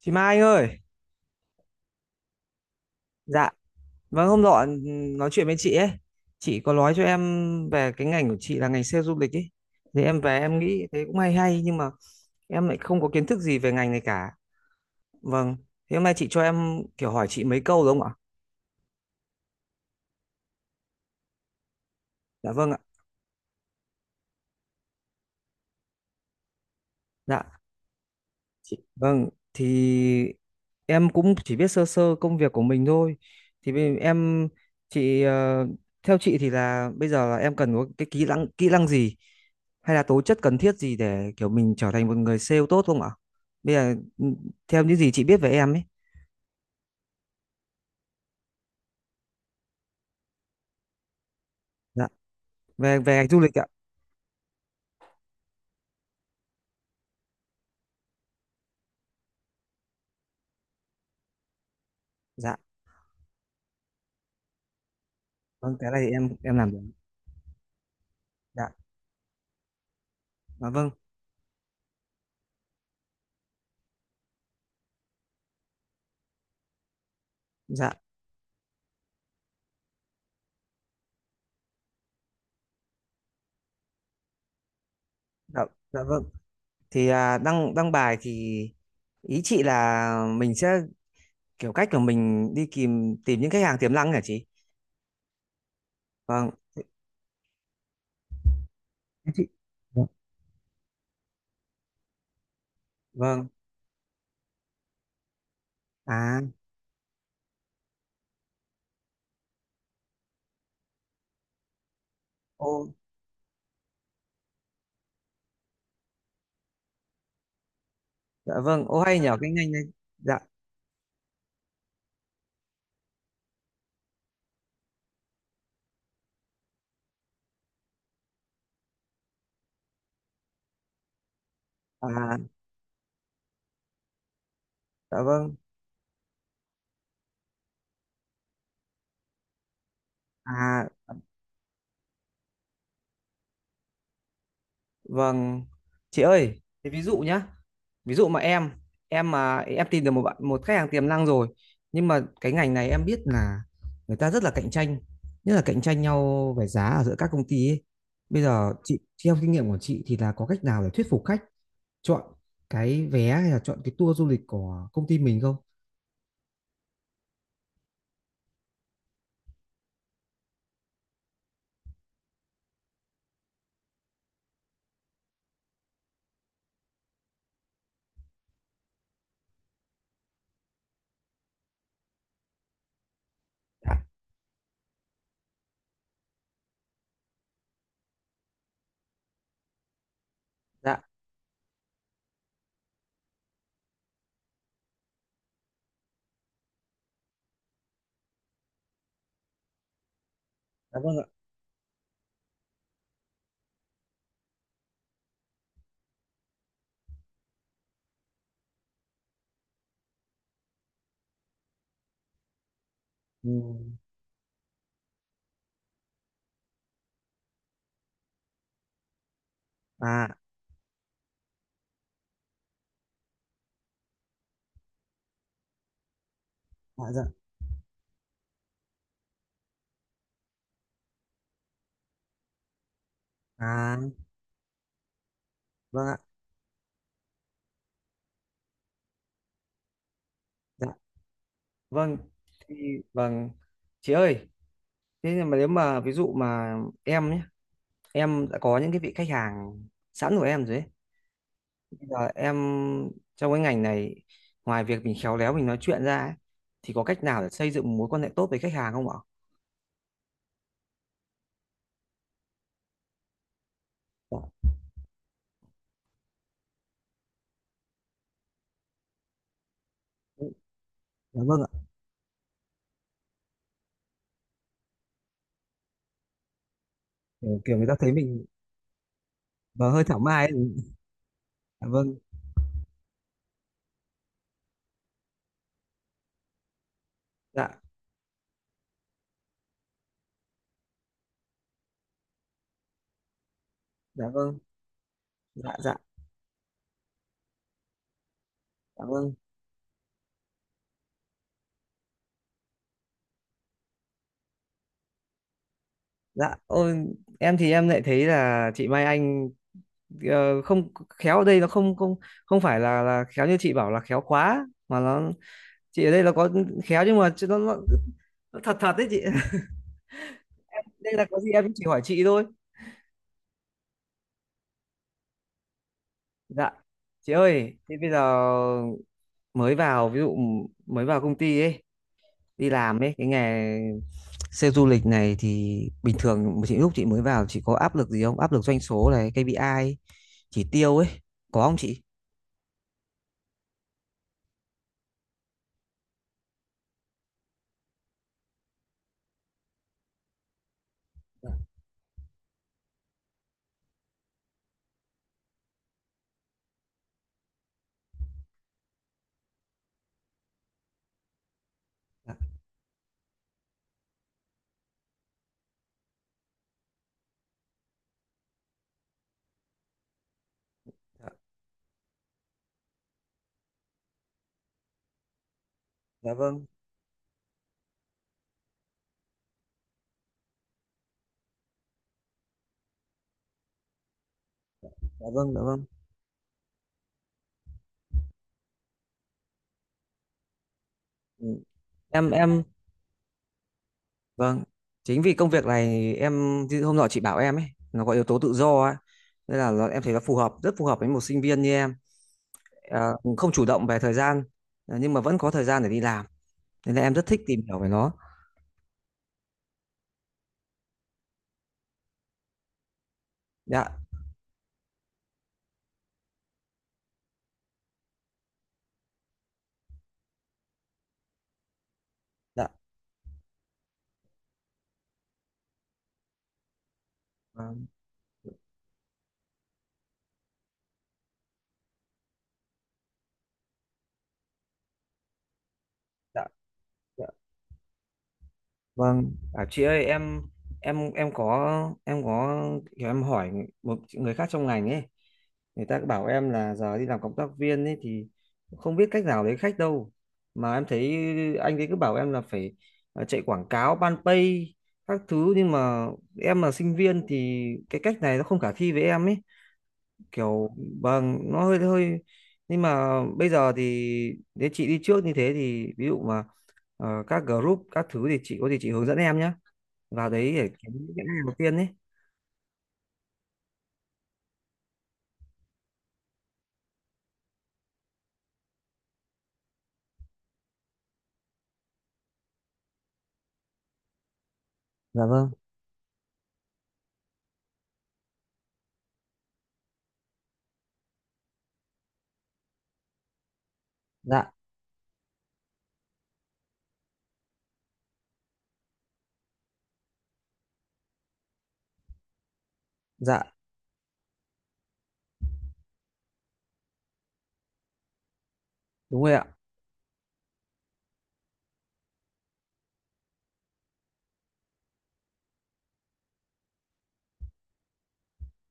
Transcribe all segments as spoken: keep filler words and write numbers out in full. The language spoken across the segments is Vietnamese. Chị Mai anh ơi, dạ, vâng hôm nọ ừm, nói chuyện với chị ấy, chị có nói cho em về cái ngành của chị là ngành sale du lịch ấy, thì em về em nghĩ thế cũng hay hay nhưng mà em lại không có kiến thức gì về ngành này cả, vâng, thế hôm nay chị cho em kiểu hỏi chị mấy câu đúng không ạ? Dạ vâng ạ, dạ, Chị- Vâng, thì em cũng chỉ biết sơ sơ công việc của mình thôi. Thì bây- em chị ờ, Theo chị thì là bây giờ là em cần có cái kỹ năng kỹ năng gì hay là tố chất cần thiết gì để kiểu mình trở thành một người sale tốt không ạ? Bây giờ ừ, theo những gì chị biết về em ấy, dạ, về về ngành du lịch ạ. Dạ, vâng cái này thì em em làm được. Dạ, à, vâng, dạ, dạ, dạ vâng. Thì à, đăng đăng bài thì ý chị là mình sẽ kiểu cách của mình đi tìm tìm những khách hàng tiềm năng hả chị vâng thế- chị dạ. Vâng, à, ô, dạ vâng, ô hay nhờ cái ngành này, dạ, à, dạ vâng, à, vâng. Chị ơi thế ví dụ nhá, ví dụ mà em em mà em tìm được một bạn, một khách hàng tiềm năng rồi, nhưng mà cái ngành này em biết là người ta rất là cạnh tranh, nhất là cạnh tranh nhau về giá ở giữa các công ty ấy. Bây giờ chị Theo kinh nghiệm của chị thì là có cách nào để thuyết phục khách chọn cái vé hay là chọn cái tour du lịch của công ty mình không? Dạ, dạ, dạ vâng ạ. Ừ, à, dạ, dạ, à, vâng ạ, dạ, vâng, thì, vâng, chị ơi, thế nhưng mà nếu mà ví dụ mà em nhé, em đã có những cái vị khách hàng sẵn của em rồi ấy. Bây giờ em Trong cái ngành này, ngoài việc mình khéo léo mình nói chuyện ra ấy, thì có cách nào để xây dựng một mối quan hệ tốt với khách hàng không ạ? Dạ, dạ vâng ạ. Kiểu, kiểu người ta thấy mình và hơi thảo mai ấy. Dạ vâng. Dạ, dạ vâng, dạ dạ, cảm ơn, dạ, ôi em thì em lại thấy là chị Mai Anh ờ, không khéo ở đây nó không không không phải là là khéo như chị bảo là khéo quá mà nó chị ở đây là có khéo nhưng mà chứ nó, nó, nó thật thật đấy chị đây là có gì em chỉ hỏi chị thôi. Dạ, chị ơi thế bây giờ mới vào, ví dụ mới vào công ty ấy, đi làm ấy, cái nghề sale du lịch này thì bình thường chị, lúc chị mới vào chị có áp lực gì không, áp lực doanh số này, kây pi ai chỉ tiêu ấy, có không chị? Dạ, dạ, dạ. Dạ vâng, dạ vâng, dạ vâng, ừ. em em vâng, chính vì công việc này em chứ hôm nọ chị bảo em ấy nó có yếu tố tự do ấy nên là nó, em thấy nó phù hợp, rất phù hợp với một sinh viên như em. Ờ, không chủ động về thời gian, ờ, nhưng mà vẫn có thời gian để đi làm nên là em rất thích tìm hiểu về nó. Dạ, dạ vâng, dạ dạ. Vâng, à, chị ơi em, em em có em có kiểu em hỏi một người khác trong ngành ấy, người ta bảo em là giờ đi làm cộng tác viên ấy thì không biết cách nào lấy khách đâu. Mà em thấy anh ấy cứ bảo em là phải à, chạy quảng cáo, ban pay các thứ, nhưng mà em là sinh viên thì cái cách này nó không khả thi với em ấy. Kiểu vâng, nó hơi hơi, nhưng mà bây giờ thì nếu chị đi trước như thế thì ví dụ mà ờ, các group các thứ thì chị có gì chị hướng dẫn em nhé, vào đấy để kiếm những cái hàng đầu tiên ấy. Dạ vâng, dạ dạ, đúng rồi ạ,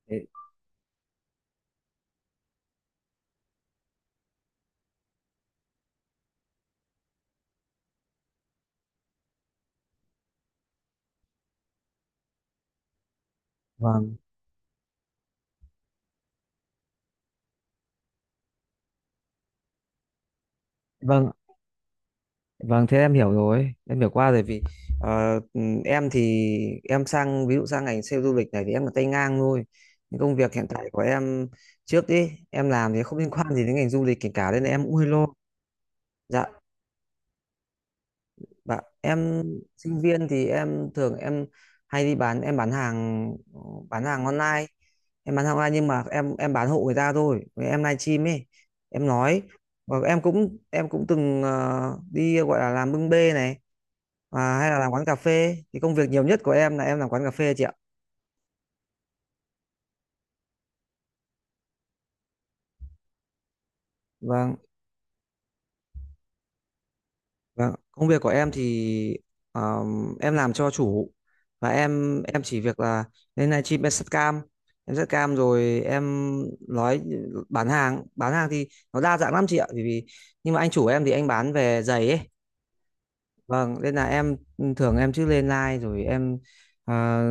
đấy, vâng, vâng, vâng thế em hiểu rồi, em hiểu qua rồi. Vì ờ, ừm, em thì em sang, ví dụ sang ngành sale du lịch này thì em là tay ngang thôi, những công việc hiện tại của em trước ấy em làm thì không liên quan gì đến ngành du lịch kể cả nên là em cũng hơi lo. Dạ, bạn em sinh viên thì em thường em hay đi bán, em bán hàng ờ, bán hàng online, em bán hàng online nhưng mà em em bán hộ người ta thôi. Với em livestream ấy, em nói, và em cũng em cũng từng ờ, đi gọi là làm bưng bê này, à, hay là làm quán cà phê, thì công việc nhiều nhất của em là em làm quán cà phê chị ạ. Vâng, vâng, công việc của em thì um, em làm cho chủ, và em em chỉ việc là lên live stream em set cam, em set cam rồi em nói, bán hàng. Bán hàng thì nó đa dạng lắm chị ạ, bởi vì nhưng mà anh chủ em thì anh bán về giày ấy, vâng nên là em thường em chứ lên live rồi em à,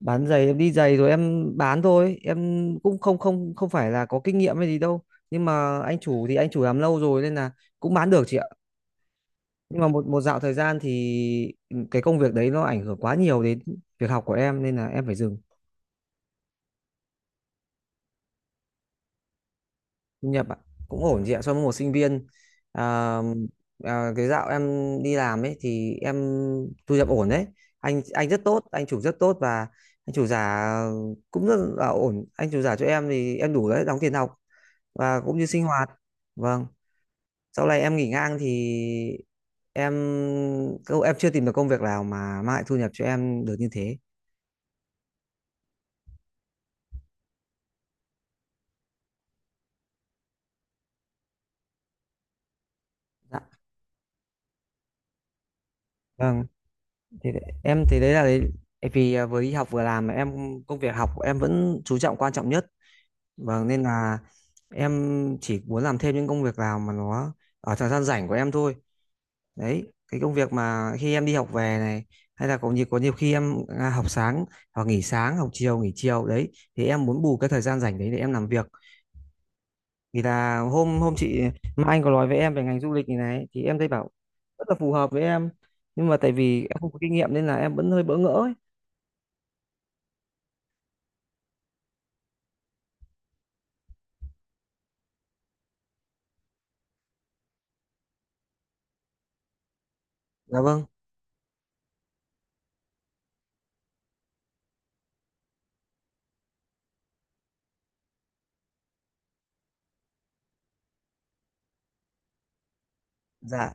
bán giày, em đi giày rồi em bán thôi, em cũng không không không phải là có kinh nghiệm hay gì đâu, nhưng mà anh chủ thì anh chủ làm lâu rồi nên là cũng bán được chị ạ. Nhưng mà một một dạo thời gian thì ừ, cái công việc đấy nó ảnh hưởng quá nhiều đến việc học của em nên là em phải dừng. Thu nhập ạ? Cũng ổn chị ạ, so với một sinh viên, à, à, cái dạo em đi làm ấy thì em thu nhập ổn đấy, anh anh rất tốt, anh chủ rất tốt, và anh chủ giả cũng rất là ổn, anh chủ giả cho em thì em đủ đấy, đóng tiền học và cũng như sinh hoạt, vâng. Sau này em nghỉ ngang thì em em chưa tìm được công việc nào mà mang lại thu nhập cho em được như thế. Vâng, thì đấy- em thì đấy là đấy vì à, vừa đi học vừa làm mà em, công việc học của em vẫn chú trọng, quan trọng nhất. Vâng nên là em chỉ muốn làm thêm những công việc nào mà nó ở thời gian rảnh của em thôi. Đấy, cái công việc mà khi em đi học về này, hay là có nhiều, có nhiều khi em à, học sáng hoặc nghỉ sáng, học chiều nghỉ chiều đấy, thì em muốn bù cái thời gian rảnh đấy để em làm việc. Thì là hôm hôm chị Mai Anh có nói với em về ngành du lịch này này thì em thấy bảo rất là phù hợp với em, nhưng mà tại vì em không có kinh nghiệm nên là em vẫn hơi bỡ ngỡ ấy. Dạ vâng, dạ,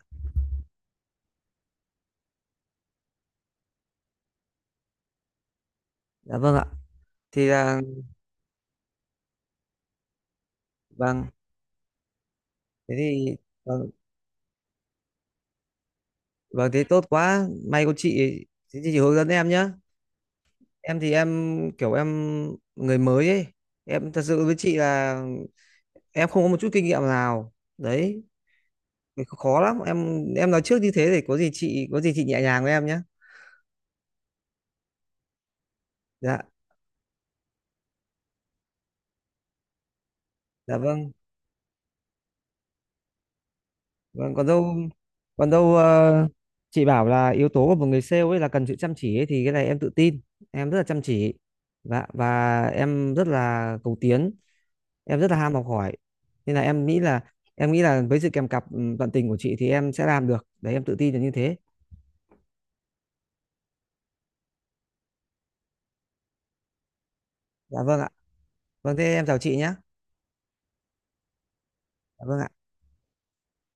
dạ vâng ạ. Thì là vâng, thế thì vâng, vâng thế tốt quá. May có chị, thế thì chị hướng dẫn em nhá. Em thì em kiểu em người mới ấy. Em thật sự với chị là em không có một chút kinh nghiệm nào. Đấy, thì khó lắm. Em em nói trước như thế để có gì chị, có gì chị nhẹ nhàng với em nhá. Dạ, dạ vâng. Vâng, còn đâu, còn đâu, ờ, chị bảo là yếu tố của một người sale ấy là cần sự chăm chỉ ấy, thì cái này em tự tin. Em rất là chăm chỉ, và và em rất là cầu tiến, em rất là ham học hỏi. Nên là em nghĩ là em nghĩ là với sự kèm cặp ừ, tận tình của chị thì em sẽ làm được. Đấy em tự tin là như thế. Dạ vâng ạ. Vâng thế em chào chị nhé. Dạ vâng ạ.